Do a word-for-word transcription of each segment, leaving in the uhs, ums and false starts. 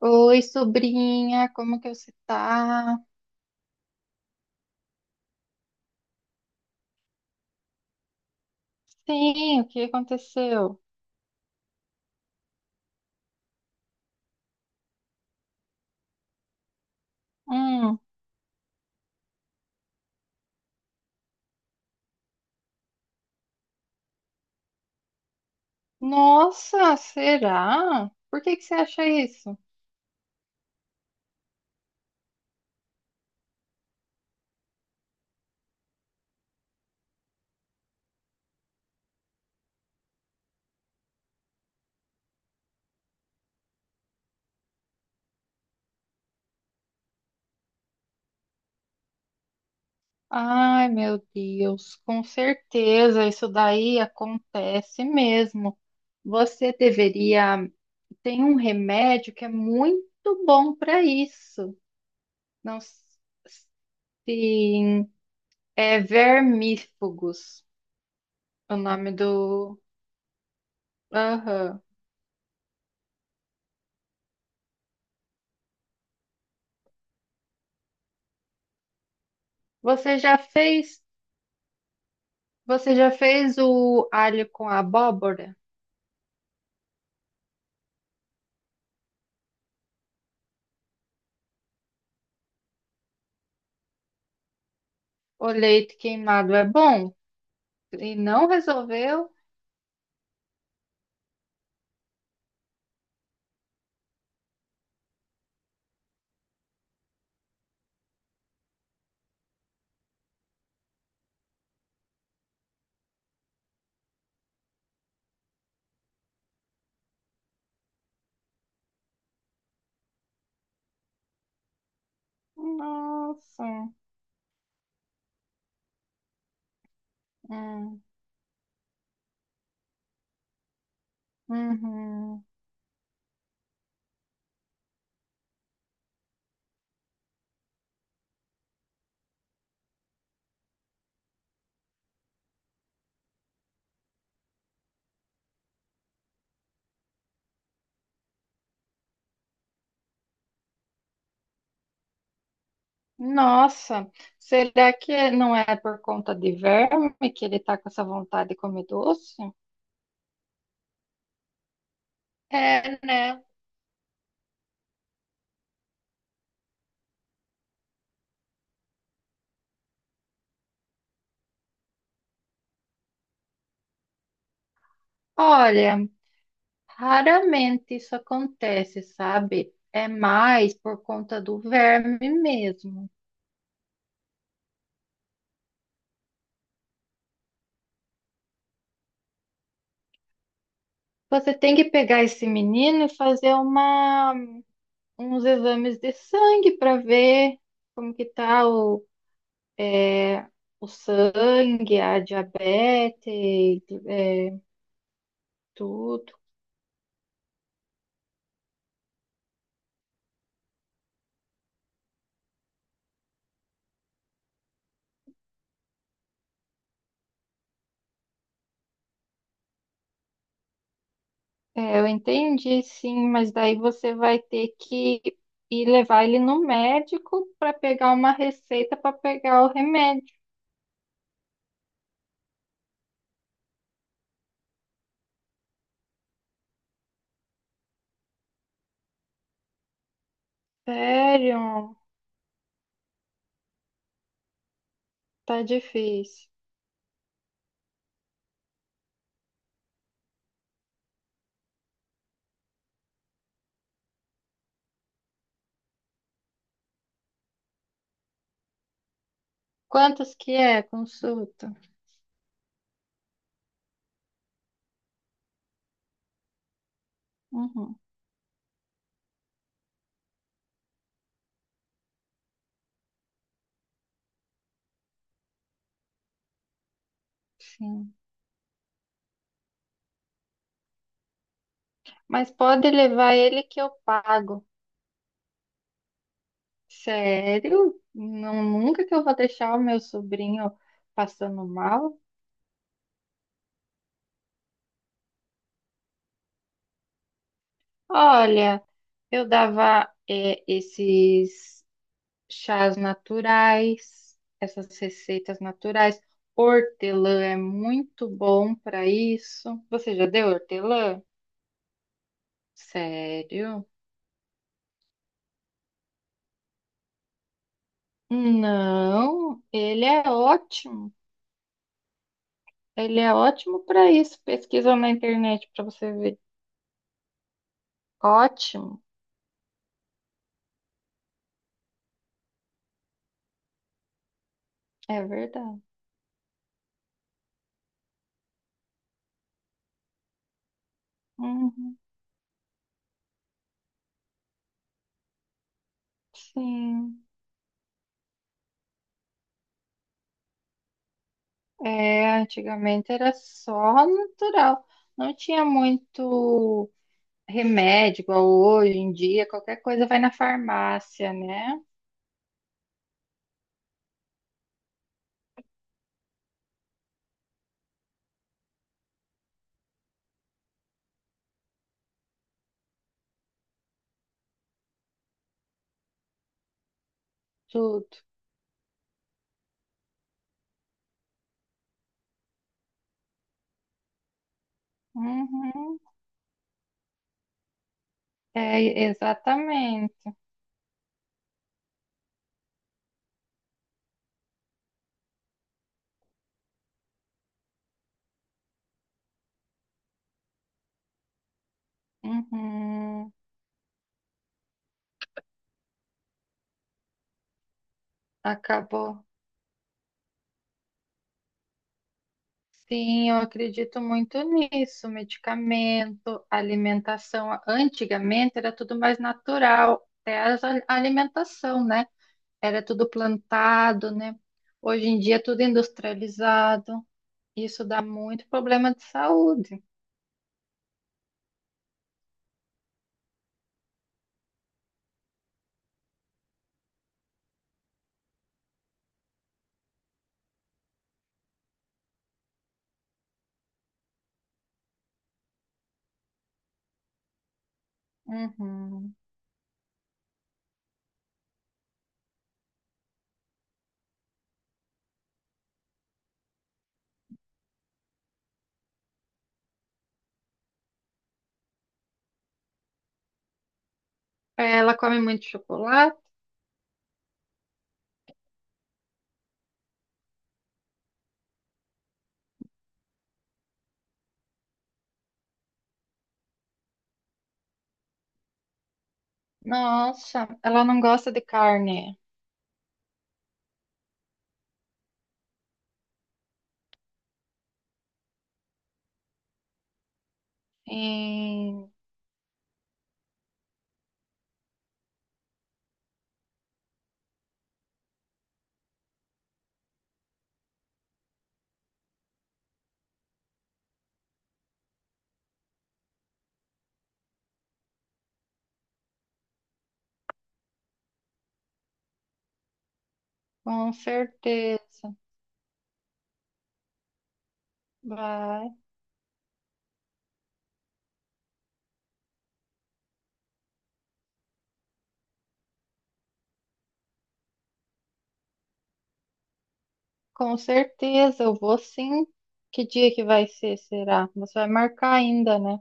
Oi, sobrinha, como que você tá? Sim, o que aconteceu? Hum, nossa, será? Por que que você acha isso? Ai, meu Deus, com certeza isso daí acontece mesmo. Você deveria tem um remédio que é muito bom para isso. Não, sim, é vermífugos, o nome do. Aham. Você já fez? Você já fez o alho com abóbora? O leite queimado é bom? E não resolveu? Nossa. Hum, uhum. Nossa. Será que não é por conta de verme que ele tá com essa vontade de comer doce? É, né? Olha, raramente isso acontece, sabe? É mais por conta do verme mesmo. Você tem que pegar esse menino e fazer uma uns exames de sangue para ver como que tá o, é, o sangue, a diabetes, é, tudo. É, eu entendi, sim, mas daí você vai ter que ir levar ele no médico para pegar uma receita para pegar o remédio. Sério, tá difícil. Quantos que é a consulta? Uhum, sim. Mas pode levar ele que eu pago. Sério? Não, nunca que eu vou deixar o meu sobrinho passando mal? Olha, eu dava é, esses chás naturais, essas receitas naturais. Hortelã é muito bom para isso. Você já deu hortelã? Sério? Não, ele é ótimo. Ele é ótimo para isso. Pesquisa na internet para você ver. Ótimo, é verdade. Uhum, sim. É, antigamente era só natural. Não tinha muito remédio, igual hoje em dia, qualquer coisa vai na farmácia, né? Tudo. Uhum. É, exatamente. Uhum. Acabou. Sim, eu acredito muito nisso. Medicamento, alimentação. Antigamente era tudo mais natural, até a a alimentação, né? Era tudo plantado, né? Hoje em dia é tudo industrializado. Isso dá muito problema de saúde. Uhum. Ela come muito chocolate? Nossa, ela não gosta de carne. Sim, com certeza. Vai. Com certeza, eu vou sim. Que dia que vai ser, será? Você vai marcar ainda, né?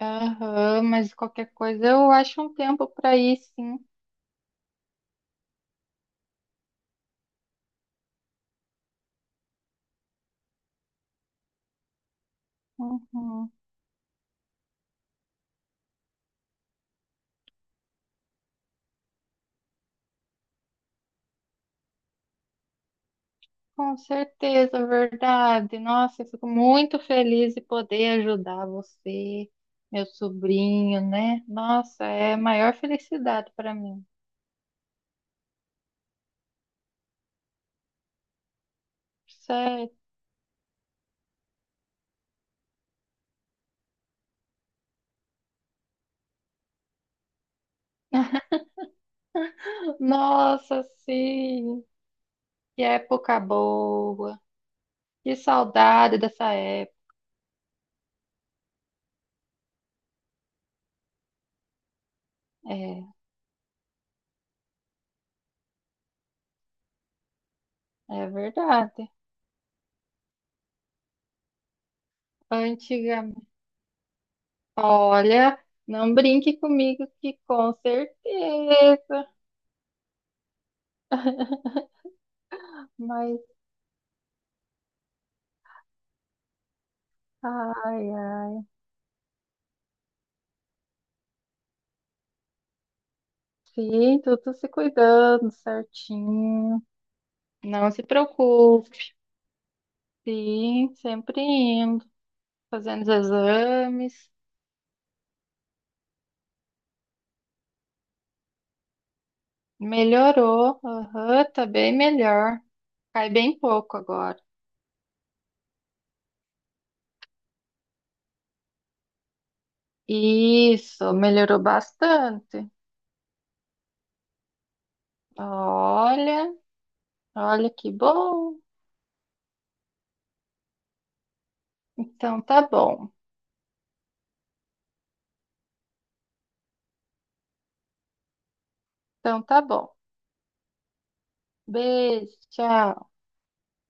Aham, mas qualquer coisa eu acho um tempo para ir, sim. Uhum. Com certeza, verdade. Nossa, eu fico muito feliz de poder ajudar você, meu sobrinho, né? Nossa, é a maior felicidade para mim. Sério. Nossa, sim, que época boa. Que saudade dessa época. É, é verdade. Antigamente, olha, não brinque comigo que com certeza, mas ai, ai. Sim, tudo se cuidando certinho. Não se preocupe, sim, sempre indo, fazendo os exames. Melhorou, aham, tá bem melhor. Cai bem pouco agora. Isso, melhorou bastante. Olha, olha que bom. Então tá bom, então tá bom. Beijo, tchau.